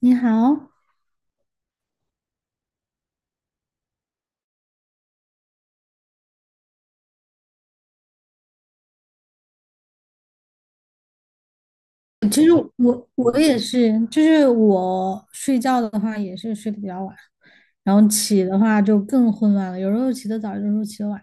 你好，我也是，就是我睡觉的话也是睡得比较晚，然后起的话就更混乱了，有时候起得早，有时候起得晚。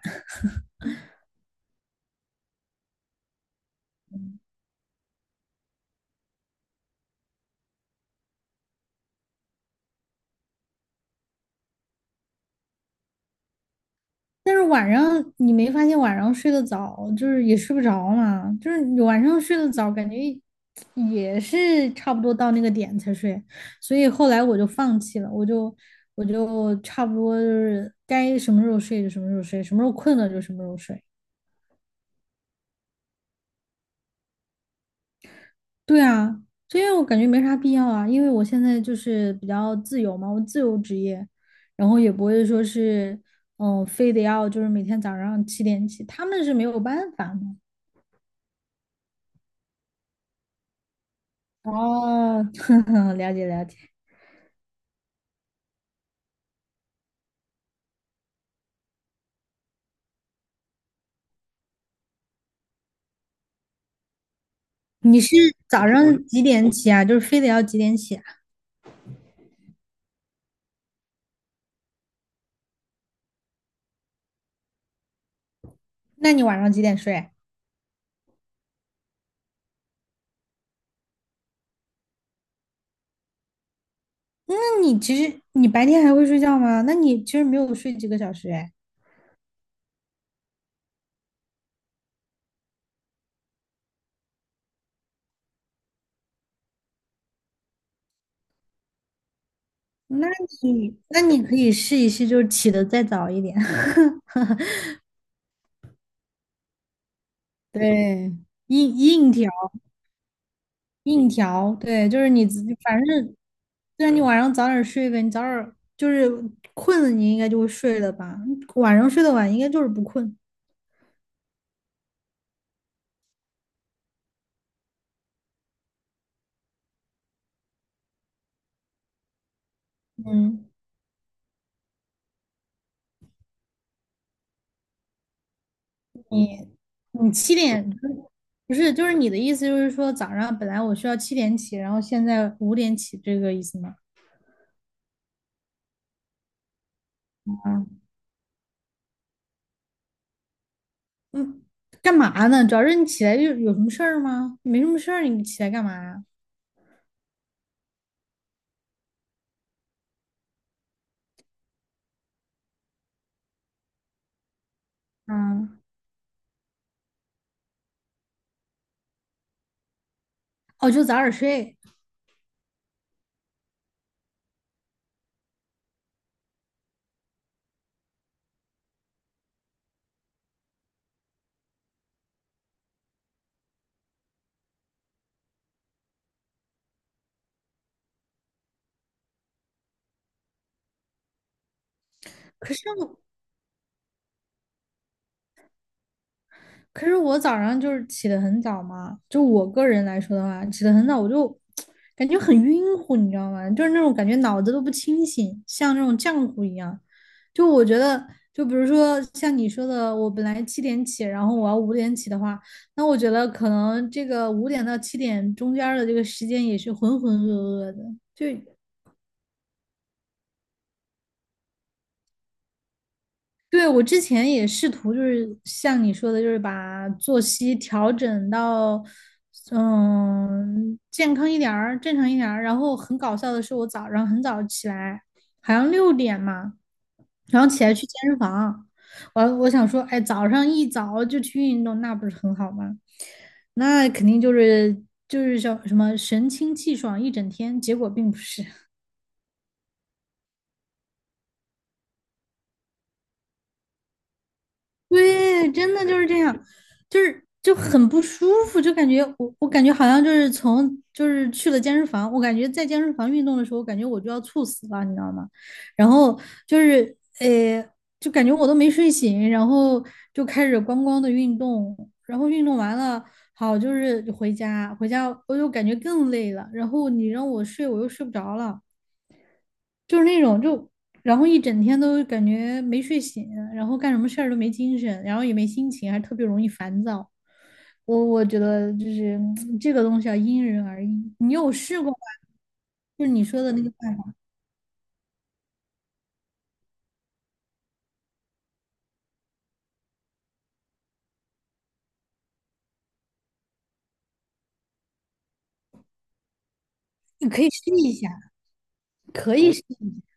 但是晚上你没发现晚上睡得早，就是也睡不着嘛，就是你晚上睡得早，感觉也是差不多到那个点才睡，所以后来我就放弃了，我就差不多就是该什么时候睡就什么时候睡，什么时候困了就什么时候睡。对啊，这样我感觉没啥必要啊，因为我现在就是比较自由嘛，我自由职业，然后也不会说是，非得要就是每天早上七点起，他们是没有办法的。哦，了解了解，你是早上几点起啊？就是非得要几点起啊？那你晚上几点睡啊？那你其实你白天还会睡觉吗？那你其实没有睡几个小时哎，那那你可以试一试，就是起的再早一点，对，硬调。硬调，对，就是你自己，反正虽然你晚上早点睡呗，你早点就是困了，你应该就会睡了吧？晚上睡得晚，应该就是不困。嗯，你你七点不是，就是你的意思就是说早上本来我需要七点起，然后现在五点起，这个意思吗？啊，嗯，干嘛呢？主要是你起来就有什么事儿吗？没什么事儿，你起来干嘛呀？嗯，哦，就早点睡。可是我可是我早上就是起得很早嘛，就我个人来说的话，起得很早我就感觉很晕乎，你知道吗？就是那种感觉脑子都不清醒，像那种浆糊一样。就我觉得，就比如说像你说的，我本来七点起，然后我要五点起的话，那我觉得可能这个5点到7点中间儿的这个时间也是浑浑噩噩的，就对，我之前也试图，就是像你说的，就是把作息调整到，健康一点儿，正常一点儿。然后很搞笑的是，我早上很早起来，好像六点嘛，然后起来去健身房。我想说，哎，早上一早就去运动，那不是很好吗？那肯定就是就是叫什么神清气爽一整天，结果并不是。对，真的就是这样，就是就很不舒服，就感觉我感觉好像就是从就是去了健身房，我感觉在健身房运动的时候，我感觉我就要猝死了，你知道吗？然后就是就感觉我都没睡醒，然后就开始咣咣的运动，然后运动完了，好就是回家，回家我就感觉更累了，然后你让我睡，我又睡不着了。就是那种就，然后一整天都感觉没睡醒，然后干什么事儿都没精神，然后也没心情，还特别容易烦躁。我觉得就是这个东西要因人而异。你有试过吗？就是你说的那个办法，你可以试一下，可以试一下。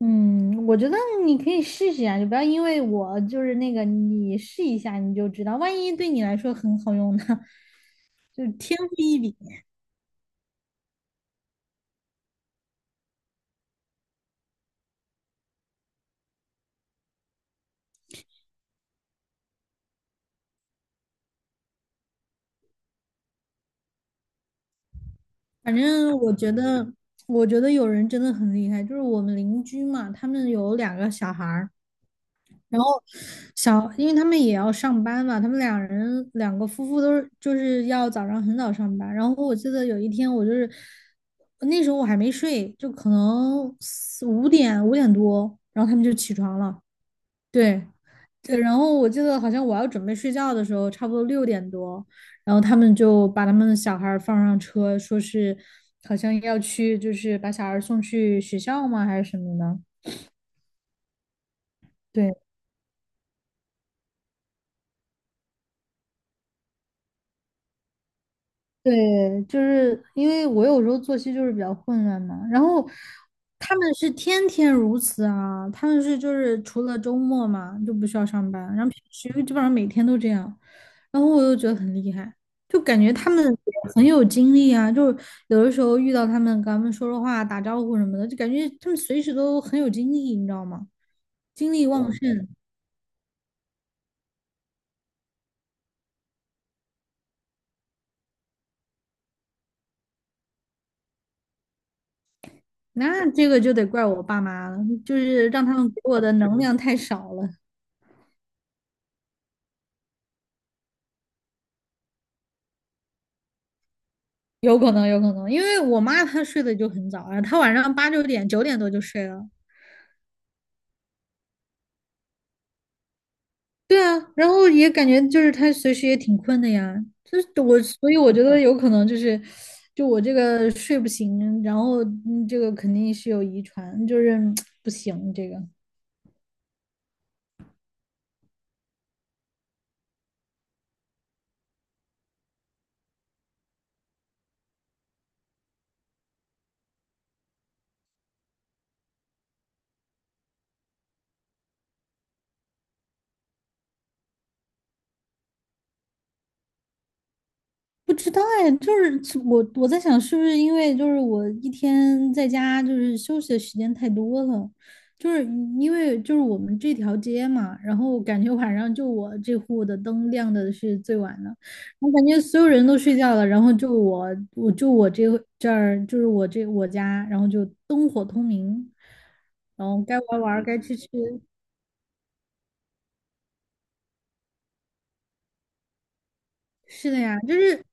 嗯，我觉得你可以试试啊，就不要因为我就是那个，你试一下你就知道，万一对你来说很好用呢，就是天赋异禀。反正我觉得，我觉得有人真的很厉害，就是我们邻居嘛，他们有2个小孩儿，然后小，因为他们也要上班嘛，他们两个夫妇都是就是要早上很早上班，然后我记得有一天我就是那时候我还没睡，就可能四五点5点多，然后他们就起床了，对，对，然后我记得好像我要准备睡觉的时候，差不多6点多，然后他们就把他们的小孩儿放上车，说是好像要去，就是把小孩儿送去学校吗，还是什么的？对，对，就是因为我有时候作息就是比较混乱嘛，然后他们是天天如此啊，他们是就是除了周末嘛就不需要上班，然后平时基本上每天都这样，然后我又觉得很厉害，就感觉他们也很有精力啊，就是有的时候遇到他们跟他们说说话、打招呼什么的，就感觉他们随时都很有精力，你知道吗？精力旺盛，那这个就得怪我爸妈了，就是让他们给我的能量太少了。有可能，有可能，因为我妈她睡得就很早啊，她晚上8、9点、9点多就睡了。对啊，然后也感觉就是她随时也挺困的呀，就是我，所以我觉得有可能就是，就我这个睡不醒，然后这个肯定是有遗传，就是不行这个。不知道哎，就是我在想，是不是因为就是我一天在家就是休息的时间太多了，就是因为就是我们这条街嘛，然后感觉晚上就我这户的灯亮的是最晚的，我感觉所有人都睡觉了，然后就我我就我这这儿就是我家，然后就灯火通明，然后该玩儿玩儿该吃吃，是的呀，就是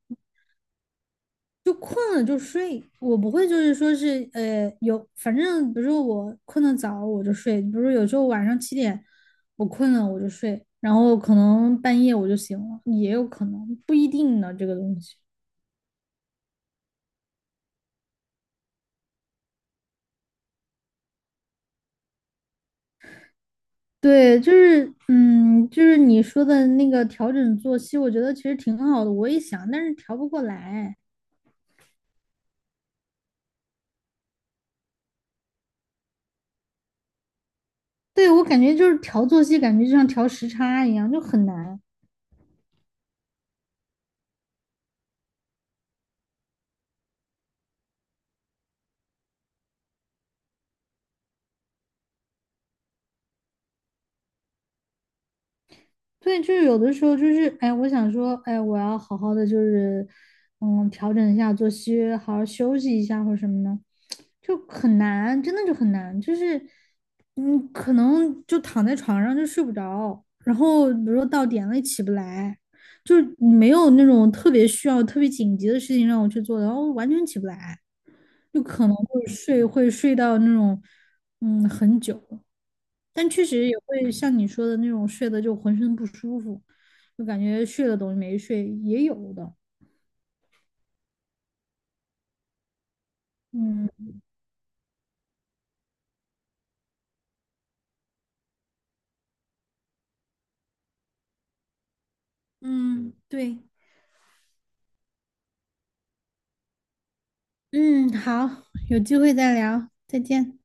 就困了就睡，我不会就是说是有，反正比如说我困得早我就睡，比如说有时候晚上七点我困了我就睡，然后可能半夜我就醒了，也有可能不一定呢这个东西。对，就是你说的那个调整作息，我觉得其实挺好的，我也想，但是调不过来。对，我感觉就是调作息，感觉就像调时差一样，就很难。对，就是有的时候就是，哎，我想说，哎，我要好好的就是，调整一下作息，好好休息一下或者什么的，就很难，真的就很难，就是，可能就躺在床上就睡不着，然后比如说到点了也起不来，就是没有那种特别需要、特别紧急的事情让我去做的，然后完全起不来，就可能会睡，会睡到那种，很久。但确实也会像你说的那种睡的就浑身不舒服，就感觉睡了等于没睡，也有的。嗯嗯，对，嗯，好，有机会再聊，再见。